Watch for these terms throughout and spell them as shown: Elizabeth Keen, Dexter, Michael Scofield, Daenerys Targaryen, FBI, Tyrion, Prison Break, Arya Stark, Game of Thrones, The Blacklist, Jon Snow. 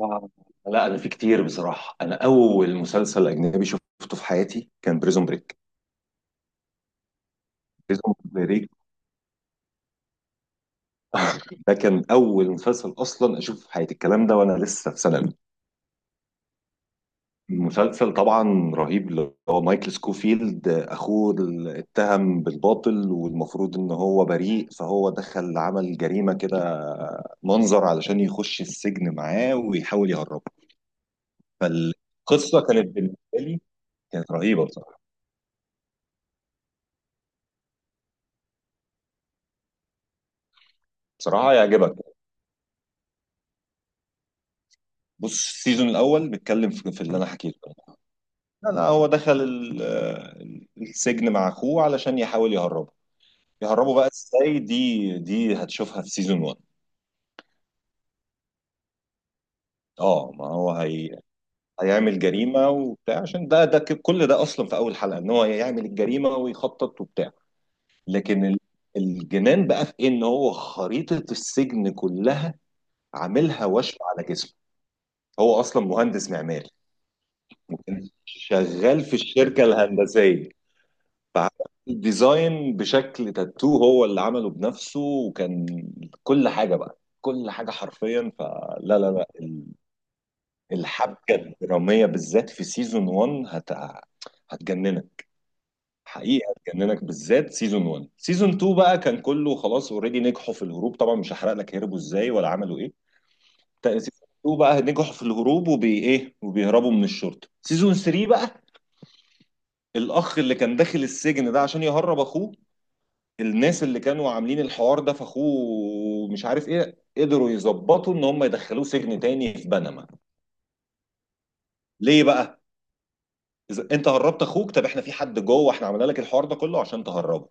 آه، لا انا في كتير بصراحه. انا اول مسلسل اجنبي شفته في حياتي كان بريزون بريك. بريزون بريك ده كان اول مسلسل اصلا اشوفه في حياتي الكلام ده وانا لسه في ثانوي. مسلسل طبعا رهيب، اللي هو مايكل سكوفيلد اخوه اللي اتهم بالباطل والمفروض ان هو بريء، فهو دخل عمل جريمه كده منظر علشان يخش السجن معاه ويحاول يهربه. فالقصه كانت بالنسبه لي، كانت رهيبه بصراحه. بصراحه يعجبك. بص، السيزون الاول بيتكلم في اللي انا حكيته ده. لا لا، هو دخل السجن مع اخوه علشان يحاول يهربه. يهربه بقى ازاي، دي هتشوفها في سيزون 1. اه، ما هو هي هيعمل جريمه وبتاع، عشان كل ده اصلا في اول حلقه، ان هو يعمل الجريمه ويخطط وبتاع. لكن الجنان بقى في إيه؟ ان هو خريطه السجن كلها عاملها وشم على جسمه. هو اصلا مهندس معماري شغال في الشركه الهندسيه. فعمل الديزاين بشكل تاتو، هو اللي عمله بنفسه، وكان كل حاجة بقى كل حاجة حرفيا. فلا لا لا، الحبكة الدرامية بالذات في سيزون 1 هتجننك. حقيقة هتجننك بالذات سيزون 1. سيزون 2 بقى كان كله خلاص اوريدي، نجحوا في الهروب طبعا، مش هحرق لك هربوا ازاي ولا عملوا ايه. سيزون 2 بقى نجحوا في الهروب، وبي ايه، وبيهربوا من الشرطة. سيزون 3 بقى، الاخ اللي كان داخل السجن ده عشان يهرب اخوه، الناس اللي كانوا عاملين الحوار ده في اخوه مش عارف ايه، قدروا يظبطوا ان هم يدخلوه سجن تاني في بنما. ليه بقى؟ إذا انت هربت اخوك، طب احنا في حد جوه، احنا عملنا لك الحوار ده كله عشان تهربه.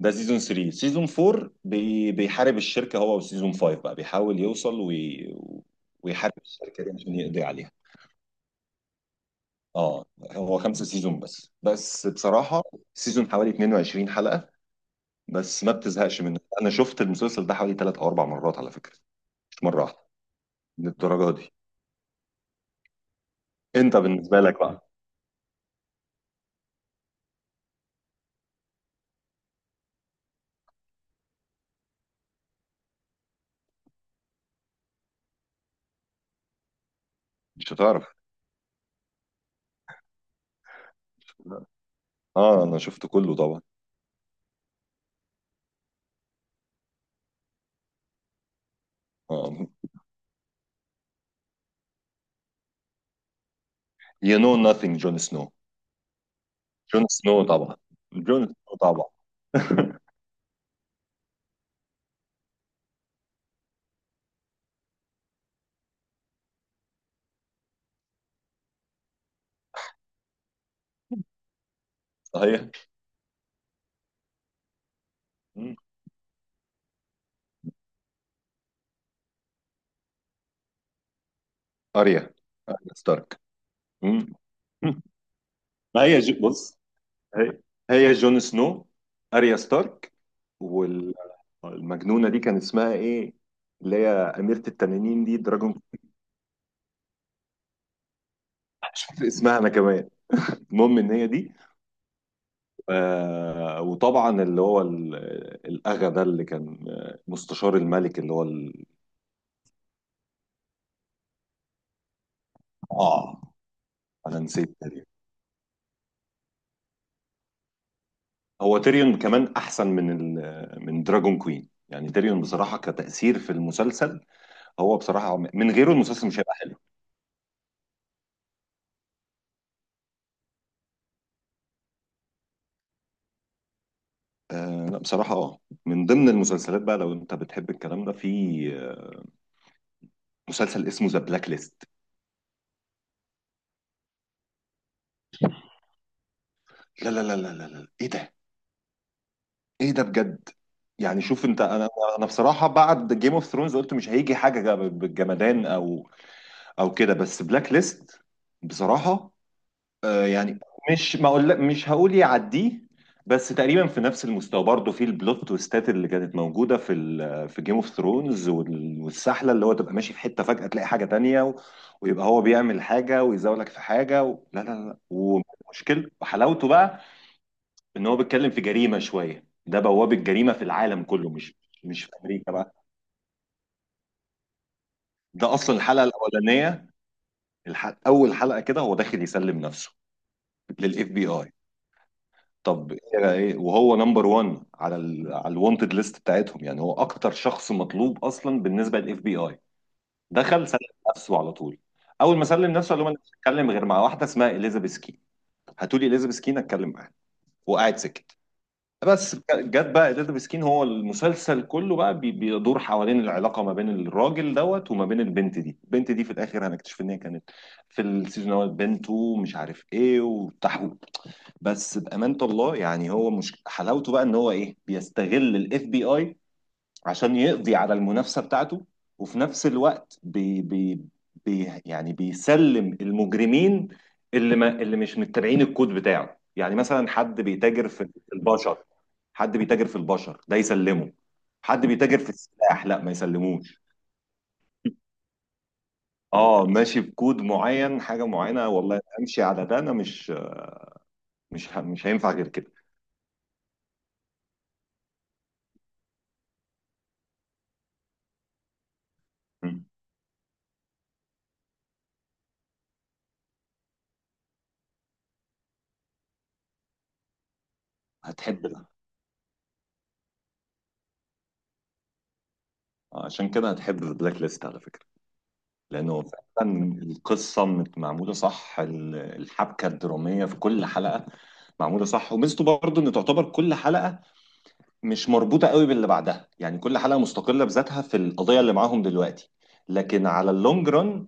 ده سيزون 3. سيزون 4 بيحارب الشركه، هو. وسيزون 5 بقى بيحاول يوصل ويحارب الشركه دي عشان يقضي عليها. اه، هو خمسة سيزون بس، بس بصراحة سيزون حوالي 22 حلقة، بس ما بتزهقش منه. انا شفت المسلسل ده حوالي ثلاث او اربع مرات على فكرة، مش مرة واحدة. للدرجه دي. انت بالنسبه لك بقى؟ مش هتعرف. اه، انا شفت كله طبعا. اه، you know nothing جون سنو. جون سنو طبعا. جون سنو طبعا. صحيح. مم. اريا. اريا ستارك. مم. مم. ما هي بص، هي هي جون سنو، اريا ستارك. والمجنونه دي كان اسمها ايه، اللي هي اميره التنانين دي، دراجون. اسمها انا كمان. المهم ان هي دي. آه، وطبعا اللي هو الأغا ده اللي كان، مستشار الملك اللي هو آه أنا نسيت تيريون. هو تيريون كمان أحسن من من دراجون كوين. يعني تيريون بصراحة كتأثير في المسلسل، هو بصراحة من غيره المسلسل مش هيبقى حلو. آه لا بصراحة، من ضمن المسلسلات بقى، لو أنت بتحب الكلام ده، في مسلسل اسمه ذا بلاك ليست. لا لا لا لا لا لا. إيه ده؟ ايه ده بجد؟ يعني شوف انت، انا بصراحه بعد جيم اوف ثرونز قلت مش هيجي حاجه بالجمدان، او كده، بس بلاك ليست بصراحه. يعني، مش ما اقول لك، مش هقول يعديه، بس تقريبا في نفس المستوى برضه في البلوت تويستات اللي كانت موجوده في جيم اوف ثرونز. والسحله اللي هو تبقى ماشي في حته فجاه تلاقي حاجه تانية، و... ويبقى هو بيعمل حاجه ويزاولك في حاجه. و... لا لا لا، ومشكله وحلاوته بقى ان هو بيتكلم في جريمه شويه، ده بوابه جريمه في العالم كله، مش في امريكا بقى. ده اصلا الحلقه الاولانيه، اول حلقه كده هو داخل يسلم نفسه للاف بي اي. طب ايه؟ وهو نمبر 1 على ال على الوانتد ليست بتاعتهم. يعني هو اكتر شخص مطلوب اصلا بالنسبه للاف بي اي. دخل سلم نفسه على طول. اول ما سلم نفسه قال لهم انا مش هتكلم غير مع واحده اسمها اليزابيث كين. هاتولي اليزابيث كين، اتكلم معاها، وقعد سكت. بس جت بقى داتا مسكين، هو المسلسل كله بقى بيدور حوالين العلاقه ما بين الراجل دوت وما بين البنت دي. البنت دي في الاخر هنكتشف ان هي كانت في السيزون الاول بنته ومش عارف ايه وتحويل. بس بامانه الله، يعني هو، مش حلاوته بقى ان هو ايه، بيستغل الاف بي اي عشان يقضي على المنافسة بتاعته. وفي نفس الوقت بي بي بي يعني بيسلم المجرمين اللي، ما، اللي مش متبعين الكود بتاعه. يعني مثلا حد بيتاجر في البشر، حد بيتاجر في البشر ده يسلمه. حد بيتاجر في السلاح لا ما يسلموش. اه، ماشي بكود معين، حاجة معينة، والله امشي على ده، انا مش هينفع غير كده. مم. هتحب ده. آه، عشان كده هتحب البلاك ليست على فكرة. لأنه فعلا القصة معمولة صح، الحبكة الدرامية في كل حلقة معمولة صح. وميزته برضه إن تعتبر كل حلقة مش مربوطة قوي باللي بعدها. يعني كل حلقة مستقلة بذاتها في القضية اللي معاهم دلوقتي، لكن على اللونج ران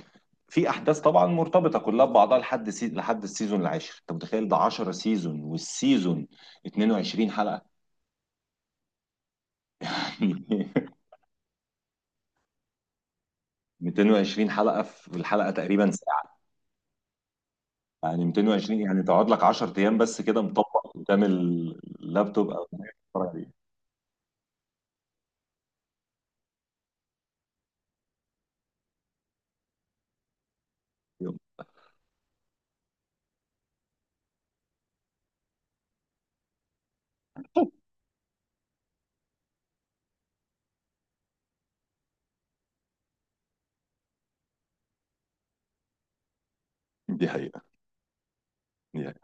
في أحداث طبعا مرتبطة كلها ببعضها لحد لحد السيزون العاشر. أنت متخيل؟ ده 10 سيزون، والسيزون 22 حلقة. 220 حلقة، في الحلقة تقريبا ساعه. يعني 220، يعني تقعد لك 10 ايام بس كده مطبق قدام اللابتوب او الحاجة دي. يلا. دي حقيقة. دي حقيقة.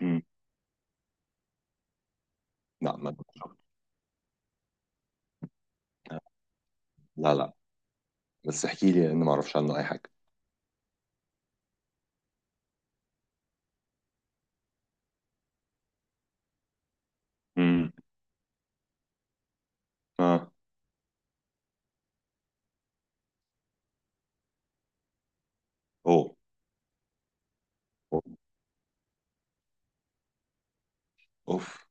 امم. لا ما. لا لا. بس احكي لي لان ما اعرفش عنه اي حاجة. امم. اه. اوه. اوف.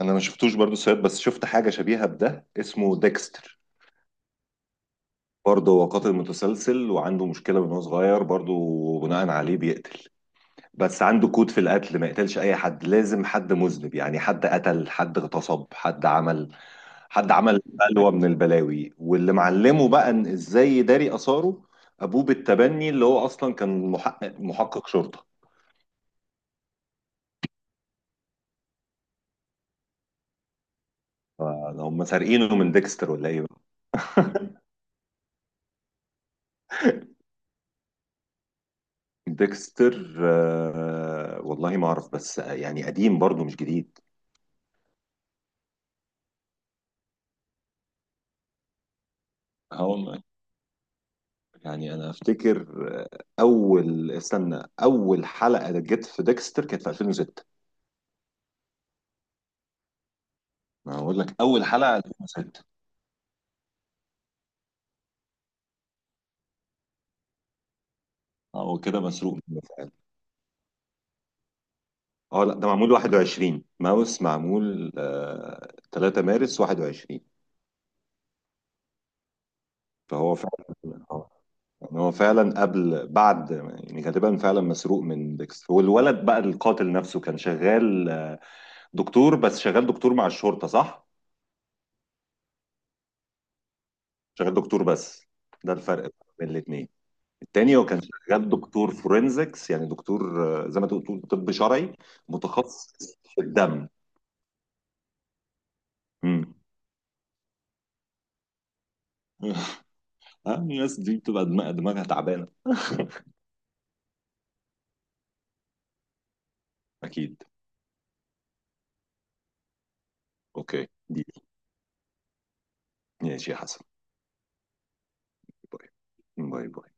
انا ما شفتوش برضو سيد، بس شفت حاجة شبيهة بده اسمه ديكستر. برضه هو قاتل متسلسل، وعنده مشكلة من هو صغير، برضه بناء عليه بيقتل. بس عنده كود في القتل، ما يقتلش اي حد، لازم حد مذنب. يعني حد قتل، حد اغتصب، حد عمل بلوى من البلاوي. واللي معلمه بقى ان ازاي يداري اثاره ابوه بالتبني، اللي هو اصلا كان محقق، محقق شرطه. هم سارقينه من ديكستر ولا ايه بقى؟ ديكستر، والله ما اعرف، بس يعني قديم برضه مش جديد. هقول، يعني انا افتكر اول، استنى، اول حلقه جت في ديكستر كانت في 2006. انا هقول لك اول حلقه 2006. هو كده مسروق منه. اه لا، ده معمول 21، ماوس معمول، 3 مارس 21. فهو فعلا، اه، يعني هو فعلا قبل بعد، يعني غالبا فعلا مسروق من ديكس. هو الولد بقى القاتل نفسه كان شغال، دكتور بس، شغال دكتور مع الشرطة صح؟ شغال دكتور بس. ده الفرق بين الاثنين. التاني هو كان شغال دكتور فورنزكس، يعني دكتور، زي ما تقول طب شرعي، متخصص في الدم. امم. آه، الناس دي بتبقى دماغها تعبانة. أكيد. اوكي دي. ماشي يا حسن. باي باي. باي.